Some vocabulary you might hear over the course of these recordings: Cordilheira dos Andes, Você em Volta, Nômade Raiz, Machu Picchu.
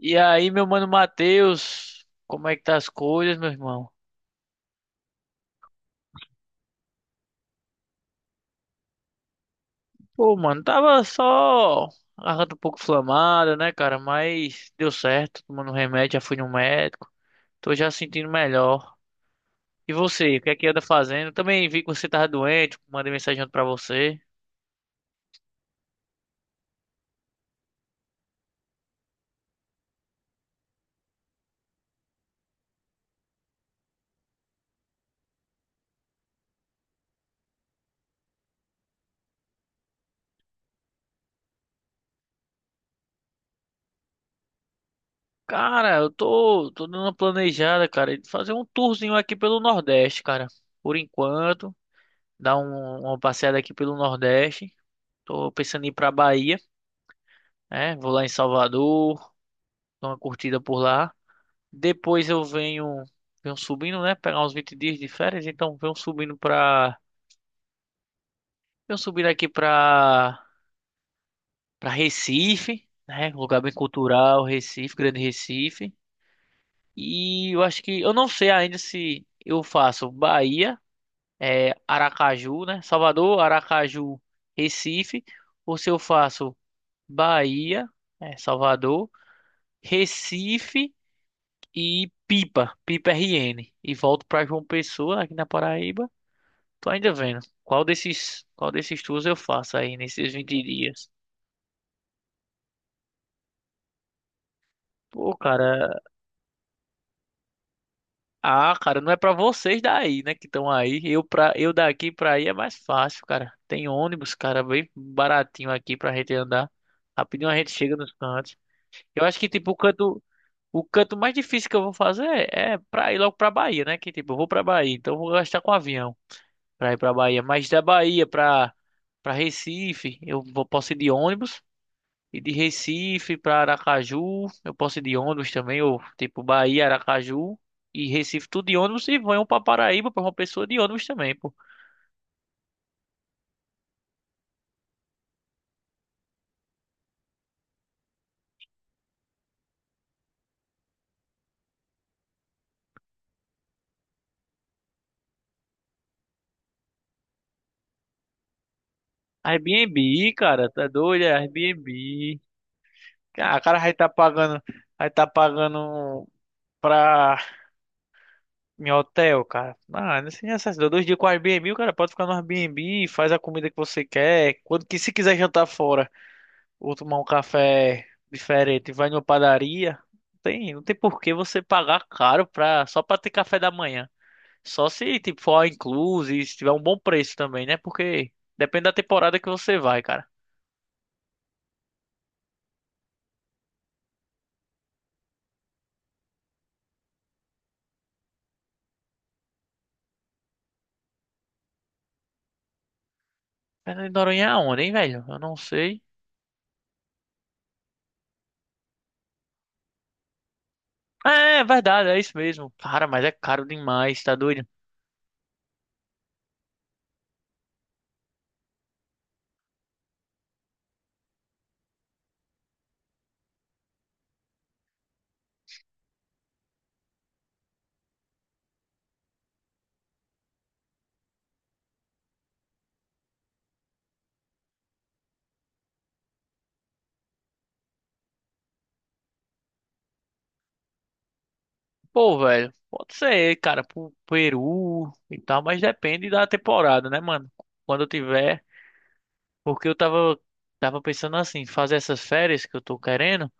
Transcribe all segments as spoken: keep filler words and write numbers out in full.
E aí, meu mano Matheus, como é que tá as coisas, meu irmão? Pô, mano, tava só a garganta um pouco inflamada, né, cara? Mas deu certo, tomando um remédio, já fui no médico. Tô já sentindo melhor. E você, o que é que anda fazendo? Também vi que você tava doente, mandei mensagem ontem pra você. Cara, eu tô, tô dando uma planejada, cara, de fazer um tourzinho aqui pelo Nordeste, cara. Por enquanto, dar um- uma passeada aqui pelo Nordeste. Tô pensando em ir pra Bahia, né? Vou lá em Salvador. Dou uma curtida por lá. Depois eu venho, venho subindo, né? Pegar uns vinte dias de férias, então venho subindo pra. Venho subindo aqui pra, pra Recife, né? Um lugar bem cultural, Recife, Grande Recife. E eu acho que. Eu não sei ainda se eu faço Bahia, é, Aracaju, né? Salvador, Aracaju, Recife. Ou se eu faço Bahia, é, Salvador, Recife. E Pipa, Pipa R N. E volto pra João Pessoa, aqui na Paraíba. Tô ainda vendo. Qual desses, qual desses tours eu faço aí nesses vinte dias? Pô, cara. Ah, cara, não é pra vocês daí, né, que estão aí. Eu pra, eu daqui pra aí é mais fácil, cara. Tem ônibus, cara, bem baratinho aqui pra gente andar. Rapidinho a gente chega nos cantos. Eu acho que tipo o canto O canto mais difícil que eu vou fazer é pra ir logo pra Bahia, né? Que tipo, eu vou pra Bahia, então eu vou gastar com avião. Para ir para Bahia, mas da Bahia para para Recife, eu vou- posso ir de ônibus. E de Recife para Aracaju, eu posso ir de ônibus também, ou tipo Bahia, Aracaju e Recife, tudo de ônibus. E vão para Paraíba para uma pessoa de ônibus também, pô. Airbnb, cara, tá doido? É Airbnb. Cara, o cara vai tá pagando, vai tá pagando pra em hotel, cara. Ah, não sei necessidade. Dois dias com Airbnb, o cara pode ficar no Airbnb, faz a comida que você quer. Quando que se quiser jantar fora ou tomar um café diferente, vai numa padaria, não tem, não tem por que você pagar caro pra, só pra ter café da manhã. Só se tipo for all inclusive, se tiver um bom preço também, né? Porque depende da temporada que você vai, cara. Fernando de Noronha é onde, hein, velho? Eu não sei. É, é verdade, é isso mesmo. Cara, mas é caro demais, tá doido? Pô, velho, pode ser, cara, pro Peru e tal, mas depende da temporada, né, mano? Quando eu tiver. Porque eu tava, tava pensando assim, fazer essas férias que eu tô querendo,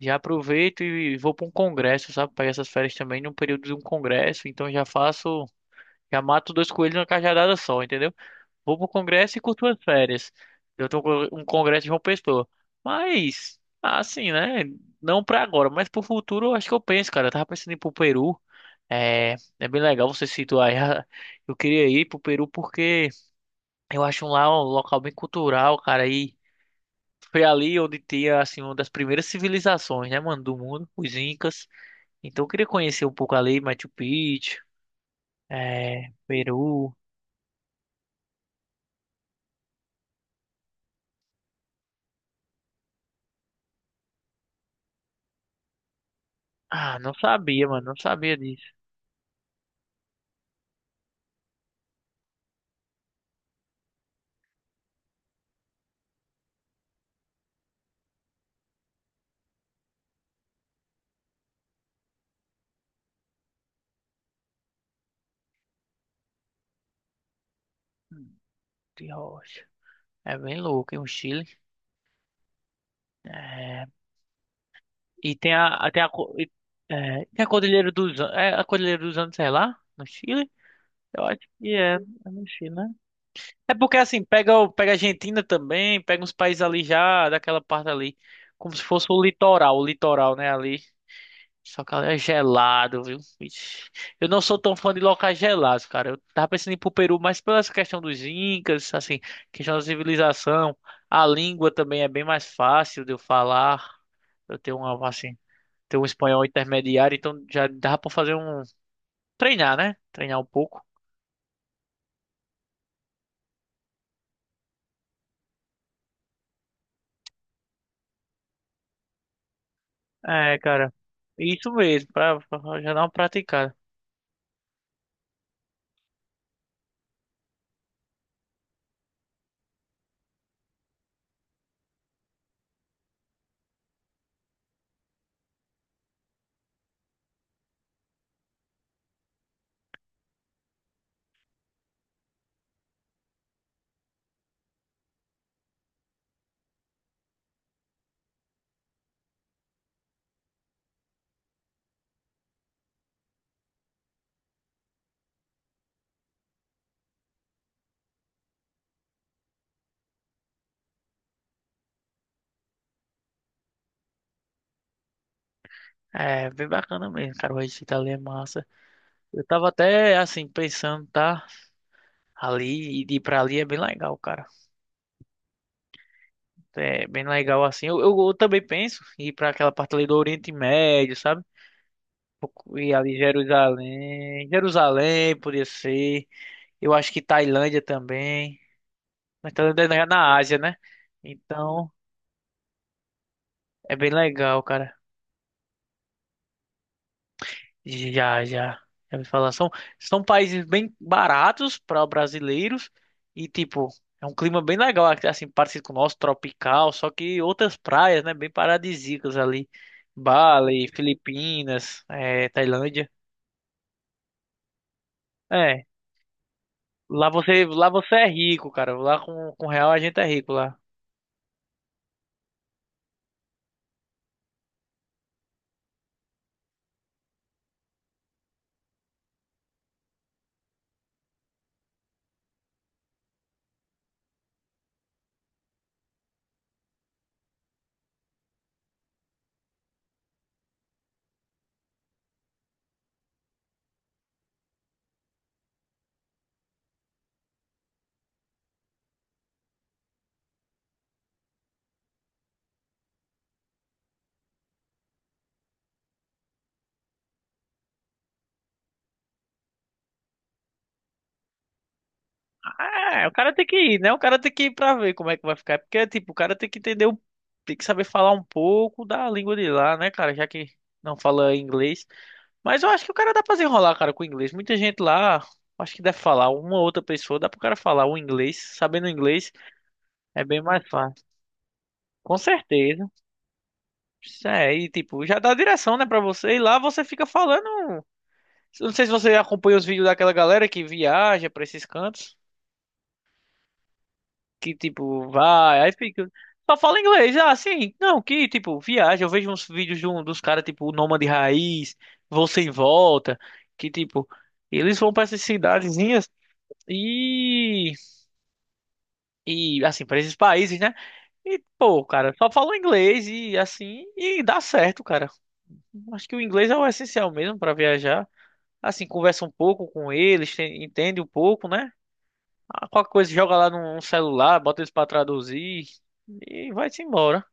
já aproveito e vou pra um congresso, sabe? Pegar essas férias também num período de um congresso, então já faço, já mato dois coelhos numa cajadada só, entendeu? Vou pro congresso e curto as férias. Eu tô com um congresso de João Pessoa. Mas, assim, né? Não pra agora, mas pro futuro eu acho que eu penso, cara. Eu tava pensando em ir pro Peru. É, é bem legal você situar. aí. Eu queria ir pro Peru porque eu acho lá um local bem cultural, cara, aí foi ali onde tinha, assim, uma das primeiras civilizações, né, mano, do mundo, os Incas. Então eu queria conhecer um pouco ali, Machu Picchu, é, Peru. Ah, não sabia, mano, não sabia disso. De rocha. É bem louco, hein, o Chile. É, e tem a, a- tem a, co- e- é, tem a Cordilheira dos An- é a Cordilheira dos Andes, sei lá, no Chile. Eu acho que é, é no Chile, né? É porque assim, pega, o- pega a Argentina também, pega uns países ali já, daquela parte ali, como se fosse o litoral, o litoral, né, ali. Só que é gelado, viu? Ixi. Eu não sou tão fã de locais gelados, cara. Eu tava pensando em ir pro Peru, mas pela essa questão dos incas, assim, questão da civilização, a língua também é bem mais fácil de eu falar. Eu tenho uma, assim, tenho um espanhol intermediário, então já dá pra fazer um treinar, né? Treinar um pouco. É, cara. Isso mesmo, pra, pra já dar uma praticada. É, bem bacana mesmo, cara. O Recife ali é massa. Eu tava até assim pensando, tá? Ali e ir pra ali é bem legal, cara. É bem legal assim. Eu, eu, eu também penso em ir para aquela parte ali do Oriente Médio, sabe? E ali Jerusalém. Jerusalém poderia ser. Eu acho que Tailândia também. Mas Tailândia é na na Ásia, né? Então é bem legal, cara. Já, já. Já ouvi falar. São, são países bem baratos para brasileiros e, tipo, é um clima bem legal, assim, parecido com o nosso, tropical, só que outras praias, né, bem paradisíacas ali. Bali, Filipinas, eh, Tailândia. É, lá você, lá você é rico, cara. Lá com, com real a gente é rico lá. É, o cara tem que ir, né? O cara tem que ir pra ver como é que vai ficar. Porque, tipo, o cara tem que entender, o- tem que saber falar um pouco da língua de lá, né, cara? Já que não fala inglês. Mas eu acho que o cara dá pra desenrolar, cara, com o inglês. Muita gente lá, acho que deve falar, uma ou outra pessoa, dá pro cara falar o inglês. Sabendo inglês é bem mais fácil. Com certeza. Isso é, e tipo, já dá a direção, né, pra você. E lá você fica falando. Não sei se você acompanha os vídeos daquela galera que viaja pra esses cantos. Que tipo, vai, aí fica. Só fala inglês, ah, sim. Não, que tipo, viaja. Eu vejo uns vídeos de um, dos caras, tipo, o Nômade Raiz, Você em Volta. Que tipo, eles vão pra essas cidadezinhas. E, e assim, para esses países, né? E, pô, cara, só falam inglês e assim, e dá certo, cara. Acho que o inglês é o essencial mesmo para viajar. Assim, conversa um pouco com eles, tem- entende um pouco, né? Ah, qualquer coisa, joga lá num celular, bota eles para traduzir e vai-se embora.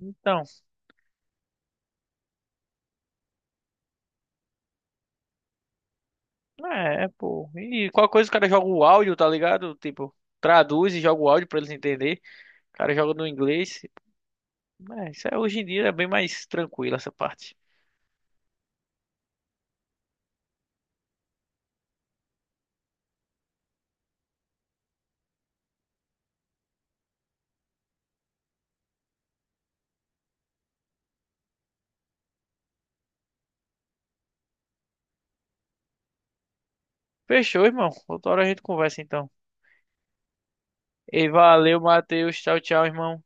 Então, é, é, pô. E qualquer coisa, o cara joga o áudio, tá ligado? Tipo, traduz e joga o áudio para eles entenderem. O cara joga no inglês. É, isso é, hoje em dia é bem mais tranquilo essa parte. Fechou, irmão. Outra hora a gente conversa então. E valeu, Matheus. Tchau, tchau, irmão.